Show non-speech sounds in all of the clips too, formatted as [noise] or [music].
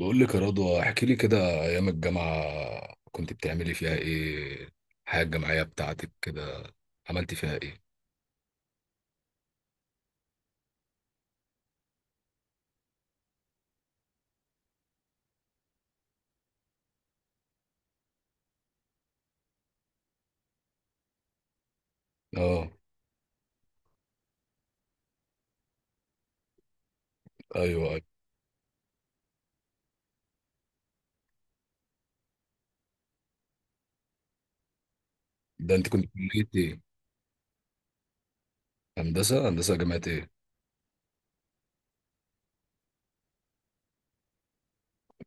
بقول لك يا رضوى، احكي لي كده، ايام الجامعه كنت بتعملي فيها ايه؟ الحياه الجامعيه بتاعتك كده عملتي فيها ايه؟ اه، ايوه، أيوة. ده انت كنت كليه ايه؟ هندسه، هندسه، جامعه ايه؟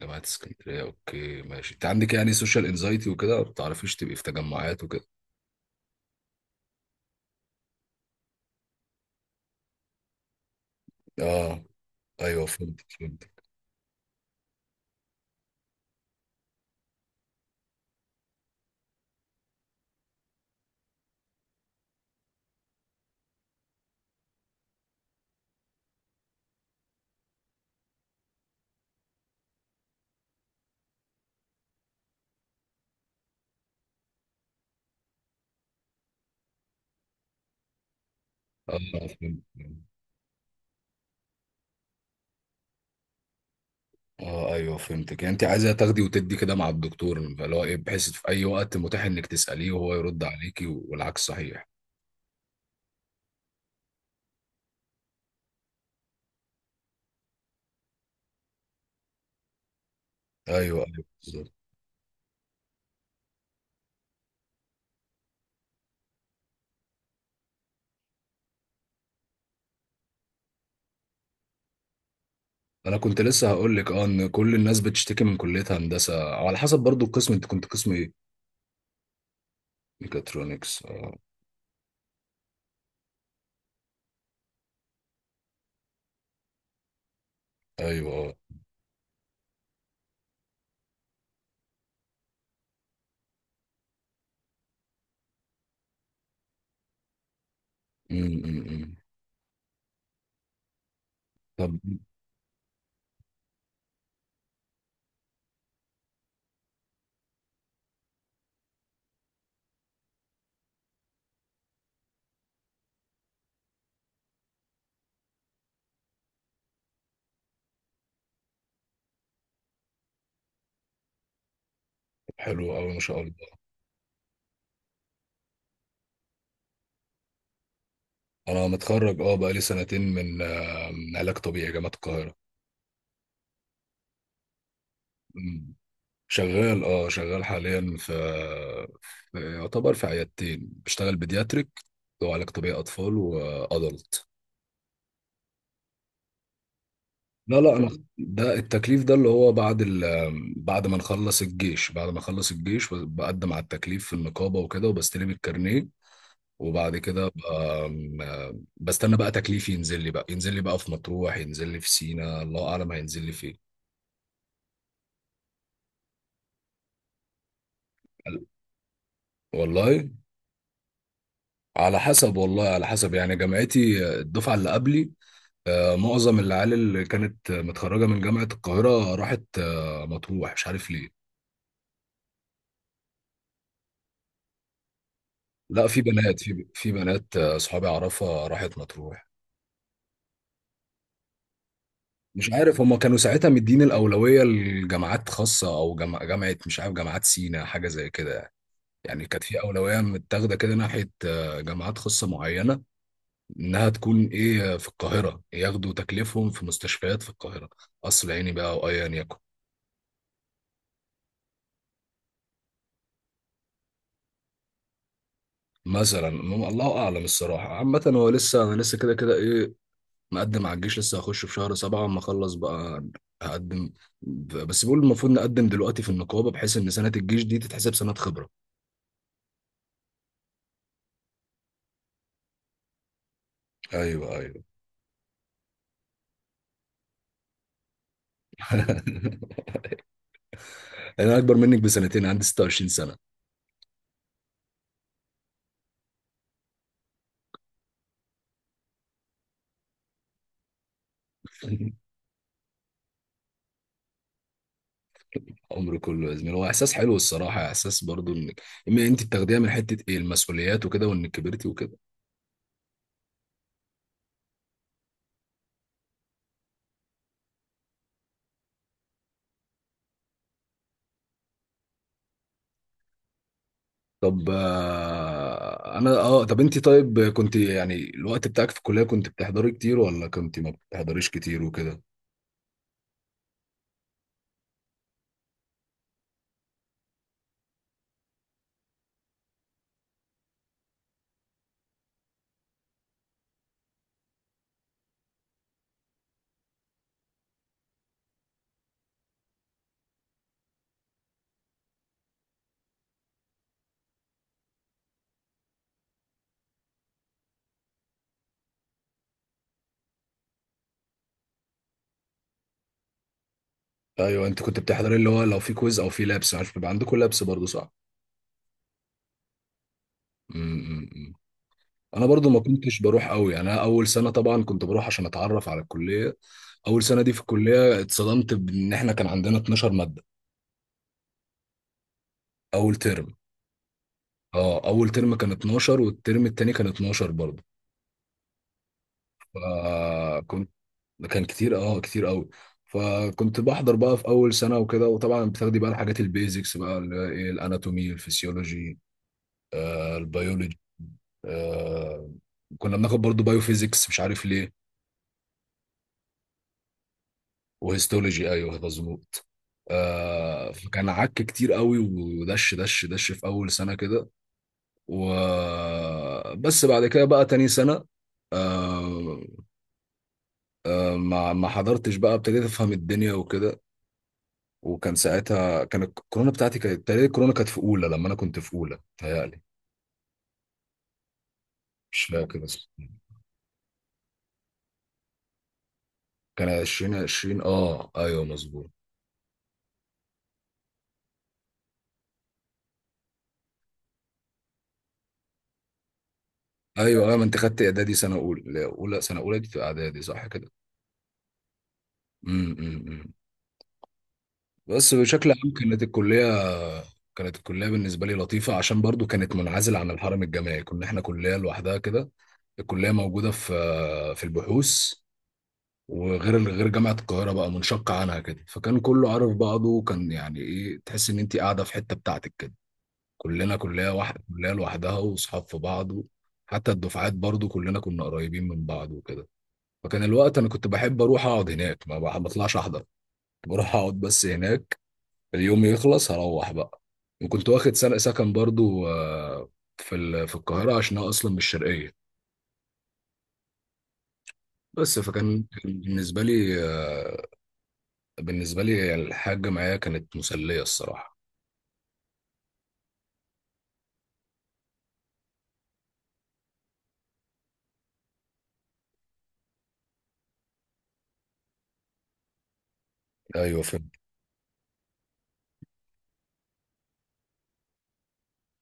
جامعه اسكندريه، اوكي ماشي. انت عندك يعني سوشيال انزايتي وكده، ما بتعرفيش تبقي في تجمعات وكده؟ اه، ايوه، فهمت فهمت. اه، فهمت. اه، ايوه، فهمتك. يعني انت عايزه تاخدي وتدي كده مع الدكتور، اللي هو ايه، بحيث في اي وقت متاح انك تساليه وهو يرد عليكي والعكس صحيح. ايوه، ايوه، بالظبط. انا كنت لسه هقول لك، اه، ان كل الناس بتشتكي من كليه هندسه، او على حسب برضو القسم. انت كنت قسم ايه؟ ميكاترونكس، اه. ايوه، اه. أمم، أمم، أمم. طب حلو قوي، ما شاء الله. انا متخرج، اه، بقالي سنتين من من علاج طبيعي، جامعه القاهره. أمم. شغال حاليا في يعتبر في عيادتين، بشتغل بيدياتريك، اللي هو علاج طبيعي اطفال وادلت. لا، لا، انا ده التكليف. ده اللي هو بعد بعد ما نخلص الجيش بعد ما اخلص الجيش بقدم على التكليف في النقابه وكده، وبستلم الكارنيه. وبعد كده بقى- بستنى بقى تكليفي ينزل لي بقى في مطروح، ينزل لي في سينا، الله اعلم هينزل لي فين. والله على حسب، والله على حسب، يعني جامعتي الدفعه اللي قبلي، معظم العيال اللي كانت متخرجه من جامعه القاهره راحت مطروح، مش عارف ليه. لا في بنات، في بنات، صحابي اعرفها راحت مطروح. مش عارف هما كانوا ساعتها مدين الأولوية لجامعات خاصة، أو جامعة مش عارف، جامعات سينا، حاجة زي كده. يعني كانت في أولوية متاخدة كده ناحية جامعات خاصة معينة، إنها تكون إيه في القاهرة ياخدوا تكليفهم في مستشفيات في القاهرة، قصر عيني بقى أو أيا يكن. مثلا الله أعلم الصراحة. عامة هو لسه، أنا لسه كده كده إيه، مقدم على الجيش. لسه هخش في شهر سبعة، أما أخلص بقى هقدم. بس بيقول المفروض نقدم دلوقتي في النقابة، بحيث إن سنة الجيش دي تتحسب سنة خبرة. ايوه، ايوه. [laughs] انا اكبر منك بسنتين، عندي 26 سنه. [laughs] عمري كله يا زميلي، هو احساس حلو الصراحه، احساس برضو انك إما انت بتاخديها من حته، ايه، المسؤوليات وكده، وانك كبرتي وكده. طب آه، انا اه طب انت طيب، كنت يعني الوقت بتاعك في الكليه كنت بتحضري كتير، ولا كنت ما بتحضريش كتير وكده؟ ايوه، انت كنت بتحضري اللي هو لو في كويز، او في لابس. عارف بيبقى عندكم لابس برضو، صح؟ امم. انا برضو ما كنتش بروح قوي يعني. انا اول سنه طبعا كنت بروح عشان اتعرف على الكليه. اول سنه دي في الكليه اتصدمت بان احنا كان عندنا 12 ماده اول ترم اه اول ترم كان 12، والترم التاني كان 12 برضو. فكنت كان كتير قوي. فكنت بحضر بقى في اول سنه وكده، وطبعا بتاخدي بقى الحاجات البيزكس، بقى اللي هي ايه، الاناتومي، الفسيولوجي، البيولوجي، آه، كنا بناخد برضو بايو فيزيكس، مش عارف ليه، وهيستولوجي، ايوه مظبوط. فكان عك كتير قوي، ودش دش دش في اول سنه كده. وبس بعد كده بقى تاني سنه، آه ما حضرتش بقى، ابتديت افهم الدنيا وكده. وكان ساعتها كان الكورونا بتاعتي، كانت تقريبا الكورونا كانت في اولى، لما انا كنت في اولى تهيألي. مش فاكر بس، كان 2020، اه ايوه، مظبوط. ايوه، ايوه، ما انت خدت اعدادي سنه اولى دي في اعدادي، صح كده؟ امم، بس بشكل عام كانت الكلية بالنسبة لي لطيفة، عشان برضو كانت منعزلة عن الحرم الجامعي، كنا احنا كلية لوحدها كده. الكلية موجودة في البحوث، وغير غير جامعة القاهرة، بقى منشقة عنها كده. فكان كله عارف بعضه، وكان يعني ايه، تحس ان انت قاعدة في حتة بتاعتك كده. كلنا كلية واحدة، كلية لوحدها، واصحاب في بعض. حتى الدفعات برضو كلنا كنا قريبين من بعض وكده. فكان الوقت انا كنت بحب اروح اقعد هناك، ما بح- بطلعش احضر، بروح اقعد بس هناك، اليوم يخلص هروح بقى. وكنت واخد سنة سكن برضو، في القاهرة، عشان أنا أصلا من الشرقية. بس فكان بالنسبة لي، بالنسبة لي الحاجة معايا كانت مسلية الصراحة. أيوة، فهمت.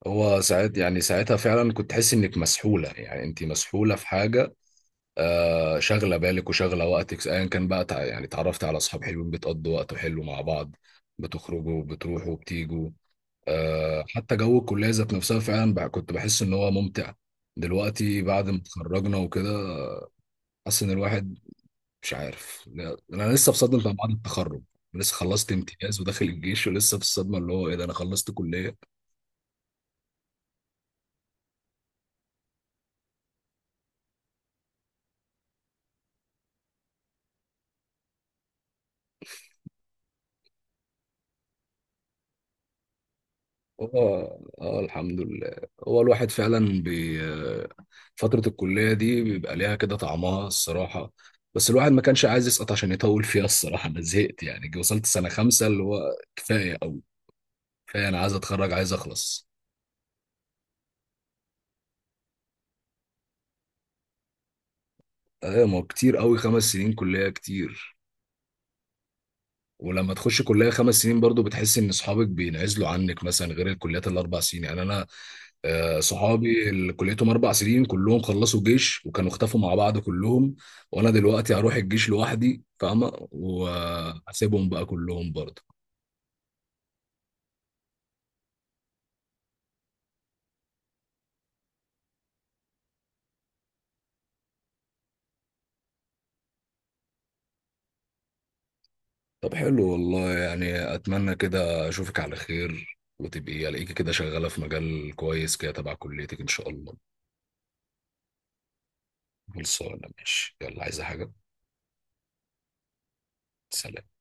هو ساعات يعني، ساعتها فعلا كنت تحس إنك مسحولة، يعني أنت مسحولة في حاجة، شاغله بالك وشاغله وقتك، ايا كان بقى، يعني اتعرفت على اصحاب حلوين، بتقضوا وقت حلو مع بعض، بتخرجوا، بتروحوا وبتيجوا. حتى جو الكليه ذات نفسها فعلا بقى كنت بحس ان هو ممتع. دلوقتي بعد ما اتخرجنا وكده، حاسس ان الواحد مش عارف. لا، انا لسه في صدمه بعد التخرج. لسه خلصت امتياز، وداخل الجيش، ولسه في الصدمه اللي هو ايه ده، انا خلصت كليه. اه، اه، الحمد لله. هو الواحد فعلا بي آه، فترة الكلية دي بيبقى ليها كده طعمها الصراحة. بس الواحد ما كانش عايز يسقط عشان يطول فيها الصراحة. أنا زهقت يعني، وصلت سنة خمسة اللي هو كفاية أوي. كفاية، أنا عايز أتخرج، عايز أخلص. أيوة، ما هو كتير أوي، 5 سنين كلية كتير. ولما تخش كلية 5 سنين برضو بتحس ان اصحابك بينعزلوا عنك، مثلا غير الكليات الاربع سنين، يعني انا صحابي اللي كليتهم 4 سنين كلهم خلصوا جيش، وكانوا اختفوا مع بعض كلهم. وانا دلوقتي هروح الجيش لوحدي، فاهمة، واسيبهم بقى كلهم برضو. طب حلو والله، يعني اتمنى كده اشوفك على خير، وتبقي الاقيكي كده شغالة في مجال كويس كده، تبع كليتك ان شاء الله. خلصانة؟ ماشي، يلا. عايزة حاجة؟ سلام.